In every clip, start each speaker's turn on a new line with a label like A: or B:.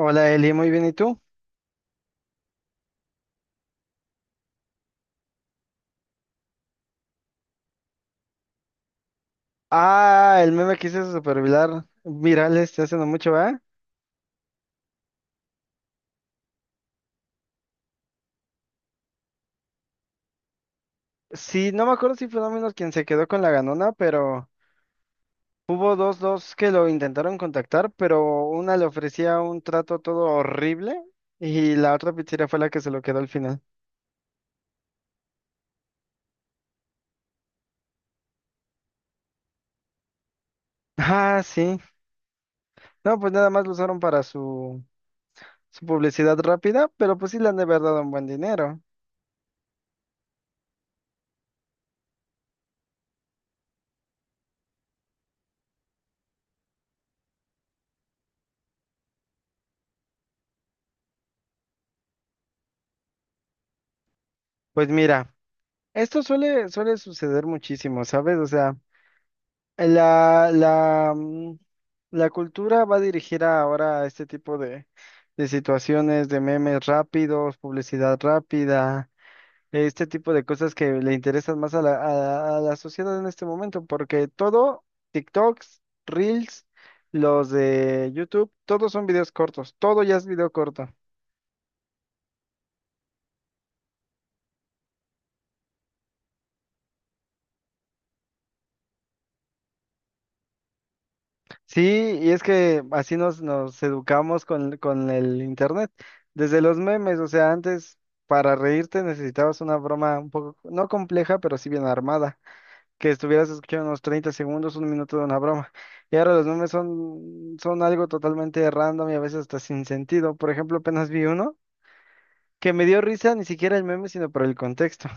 A: Hola Eli, muy bien, ¿y tú? Ah, el meme que hice super viral, viral este hace no mucho, ¿verdad? Sí, no me acuerdo si fue Domino's quien se quedó con la ganona, pero hubo dos que lo intentaron contactar, pero una le ofrecía un trato todo horrible y la otra pizzería fue la que se lo quedó al final. Ah, sí. No, pues nada más lo usaron para su publicidad rápida, pero pues sí le han de haber dado un buen dinero. Pues mira, esto suele, suele suceder muchísimo, ¿sabes? O sea... La, la, mm, la cultura va dirigida ahora a este tipo de situaciones, de memes rápidos, publicidad rápida, este tipo de cosas que le interesan más a la sociedad en este momento, porque todo, TikToks, Reels, los de YouTube, todos son videos cortos, todo ya es video corto. Sí, y es que así nos educamos con el internet. Desde los memes, o sea, antes para reírte necesitabas una broma un poco, no compleja, pero sí bien armada, que estuvieras escuchando unos 30 segundos, un minuto de una broma. Y ahora los memes son, son algo totalmente random y a veces hasta sin sentido. Por ejemplo, apenas vi uno que me dio risa ni siquiera el meme, sino por el contexto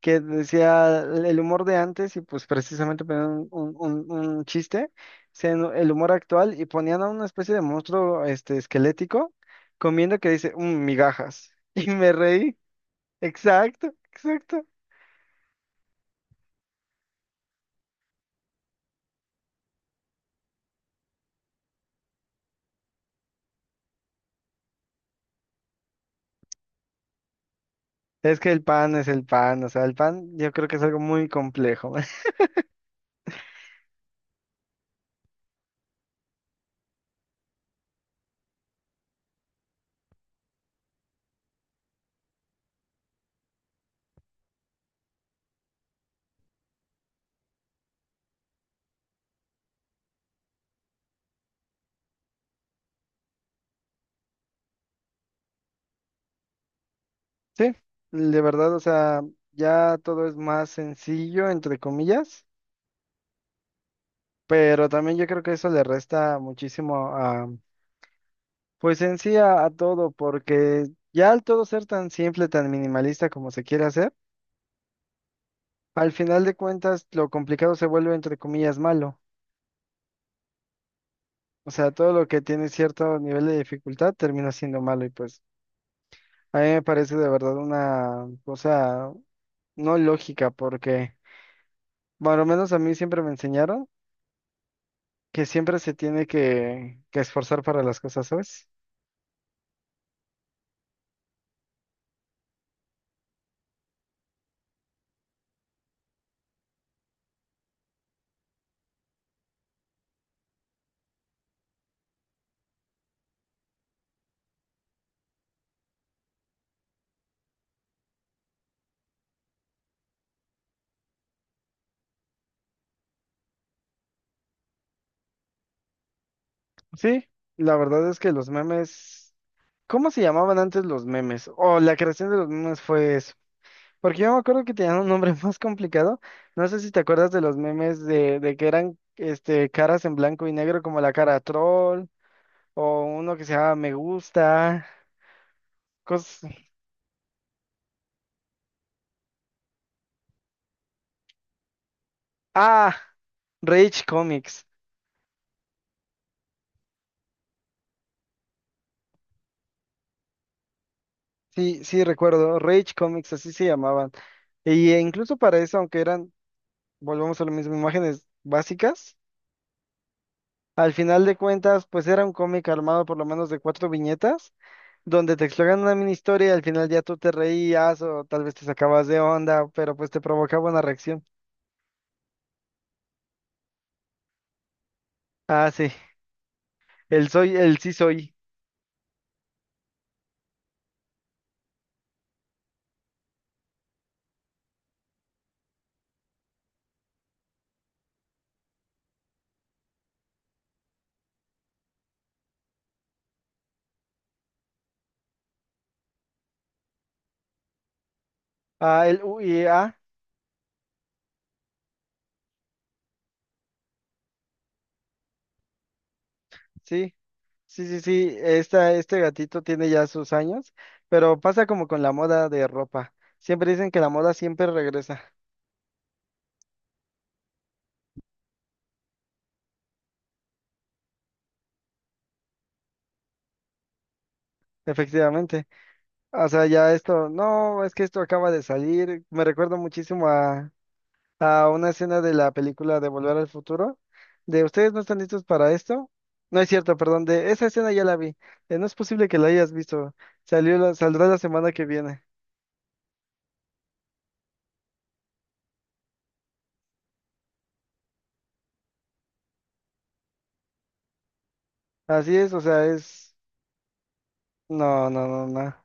A: que decía el humor de antes y pues precisamente ponían un- un chiste, no, el humor actual y ponían a una especie de monstruo este, esquelético comiendo que dice: "Mm, migajas." Y me reí. Exacto, exacto. Es que el pan es el pan, o sea, el pan yo creo que es algo muy complejo. Sí, de verdad, o sea, ya todo es más sencillo, entre comillas, pero también yo creo que eso le resta muchísimo. Pues en sí a todo, porque ya al todo ser tan simple, tan minimalista como se quiere hacer, al final de cuentas lo complicado se vuelve entre comillas malo. O sea, todo lo que tiene cierto nivel de dificultad termina siendo malo y pues a mí me parece de verdad una cosa no lógica porque, bueno, al menos a mí siempre me enseñaron que siempre se tiene que esforzar para las cosas, ¿sabes? Sí, la verdad es que los memes... ¿Cómo se llamaban antes los memes? O la creación de los memes fue eso. Porque yo me acuerdo que tenían un nombre más complicado. No sé si te acuerdas de los memes de que eran este, caras en blanco y negro, como la cara troll, o uno que se llama Me Gusta, cosas. Ah, Rage Comics. Sí, sí, recuerdo. Rage Comics, así se llamaban. Y incluso para eso, aunque eran, volvemos a lo mismo, imágenes básicas, al final de cuentas, pues era un cómic armado por lo menos de cuatro viñetas donde te exploran una mini historia y al final ya tú te reías o tal vez te sacabas de onda, pero pues te provocaba una reacción. Ah, sí, el soy, el sí soy. Ah, el U y A, sí, sí, sí, sí, esta, este gatito tiene ya sus años, pero pasa como con la moda de ropa. Siempre dicen que la moda siempre regresa, efectivamente. O sea, ya esto, no, es que esto acaba de salir, me recuerda muchísimo a una escena de la película de Volver al Futuro, de ustedes no están listos para esto. No es cierto, perdón, de esa escena ya la vi. No es posible que la hayas visto. Saldrá la semana que viene. Así es, o sea, es... No, no, no, no.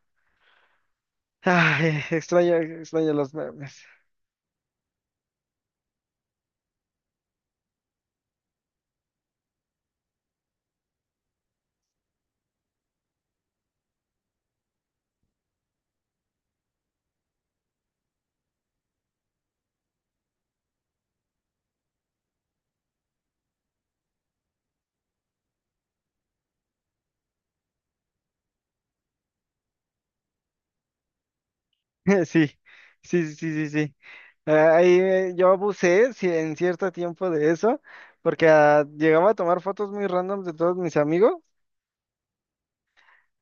A: Ay, extraño, extraño los memes. Sí, sí, sí, sí, sí. Ah, ahí yo abusé, sí, en cierto tiempo de eso, porque ah, llegaba a tomar fotos muy random de todos mis amigos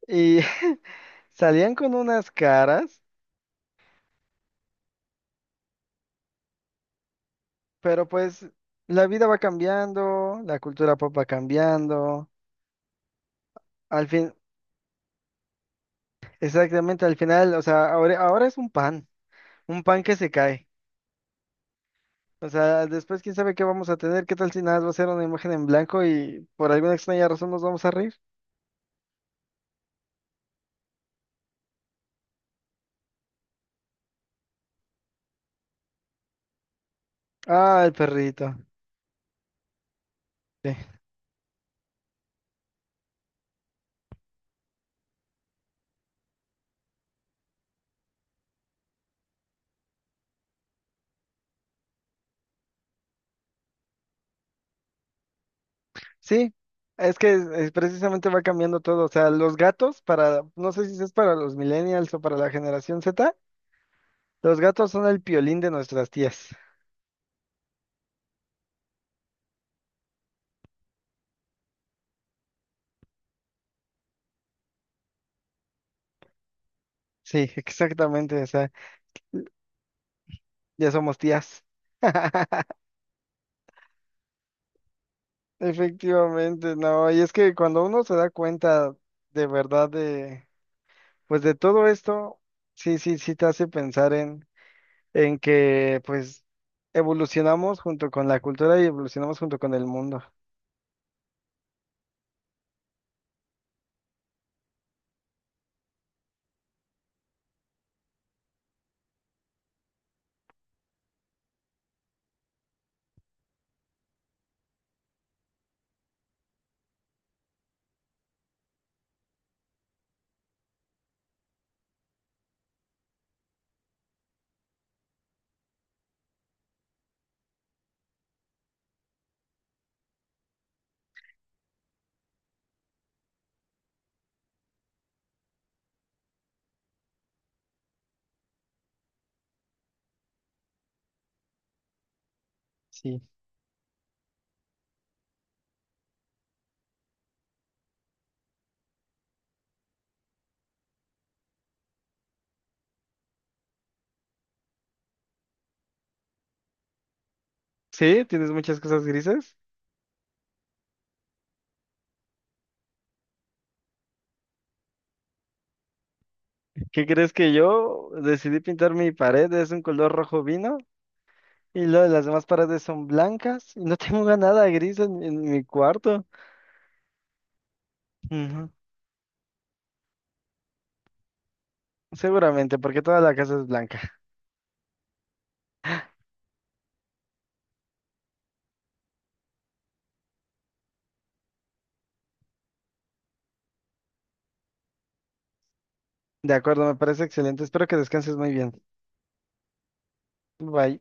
A: y salían con unas caras. Pero pues la vida va cambiando, la cultura pop va cambiando. Al fin, exactamente, al final, o sea, ahora, ahora es un pan que se cae. O sea, después quién sabe qué vamos a tener, qué tal si nada más va a ser una imagen en blanco y por alguna extraña razón nos vamos a reír. Ah, el perrito. Sí. Sí, es que precisamente va cambiando todo. O sea, los gatos para, no sé si es para los millennials o para la generación Z, los gatos son el piolín de nuestras tías. Sí, exactamente. O sea, ya somos tías. Efectivamente, no. Y es que cuando uno se da cuenta de verdad de, pues de todo esto, sí, sí, sí te hace pensar en que pues evolucionamos junto con la cultura y evolucionamos junto con el mundo. Sí. Sí, tienes muchas cosas grises. ¿Qué crees que yo decidí pintar mi pared? Es un color rojo vino y luego las demás paredes son blancas y no tengo nada gris en mi cuarto. Seguramente, porque toda la casa es blanca. De acuerdo, me parece excelente. Espero que descanses muy bien. Bye.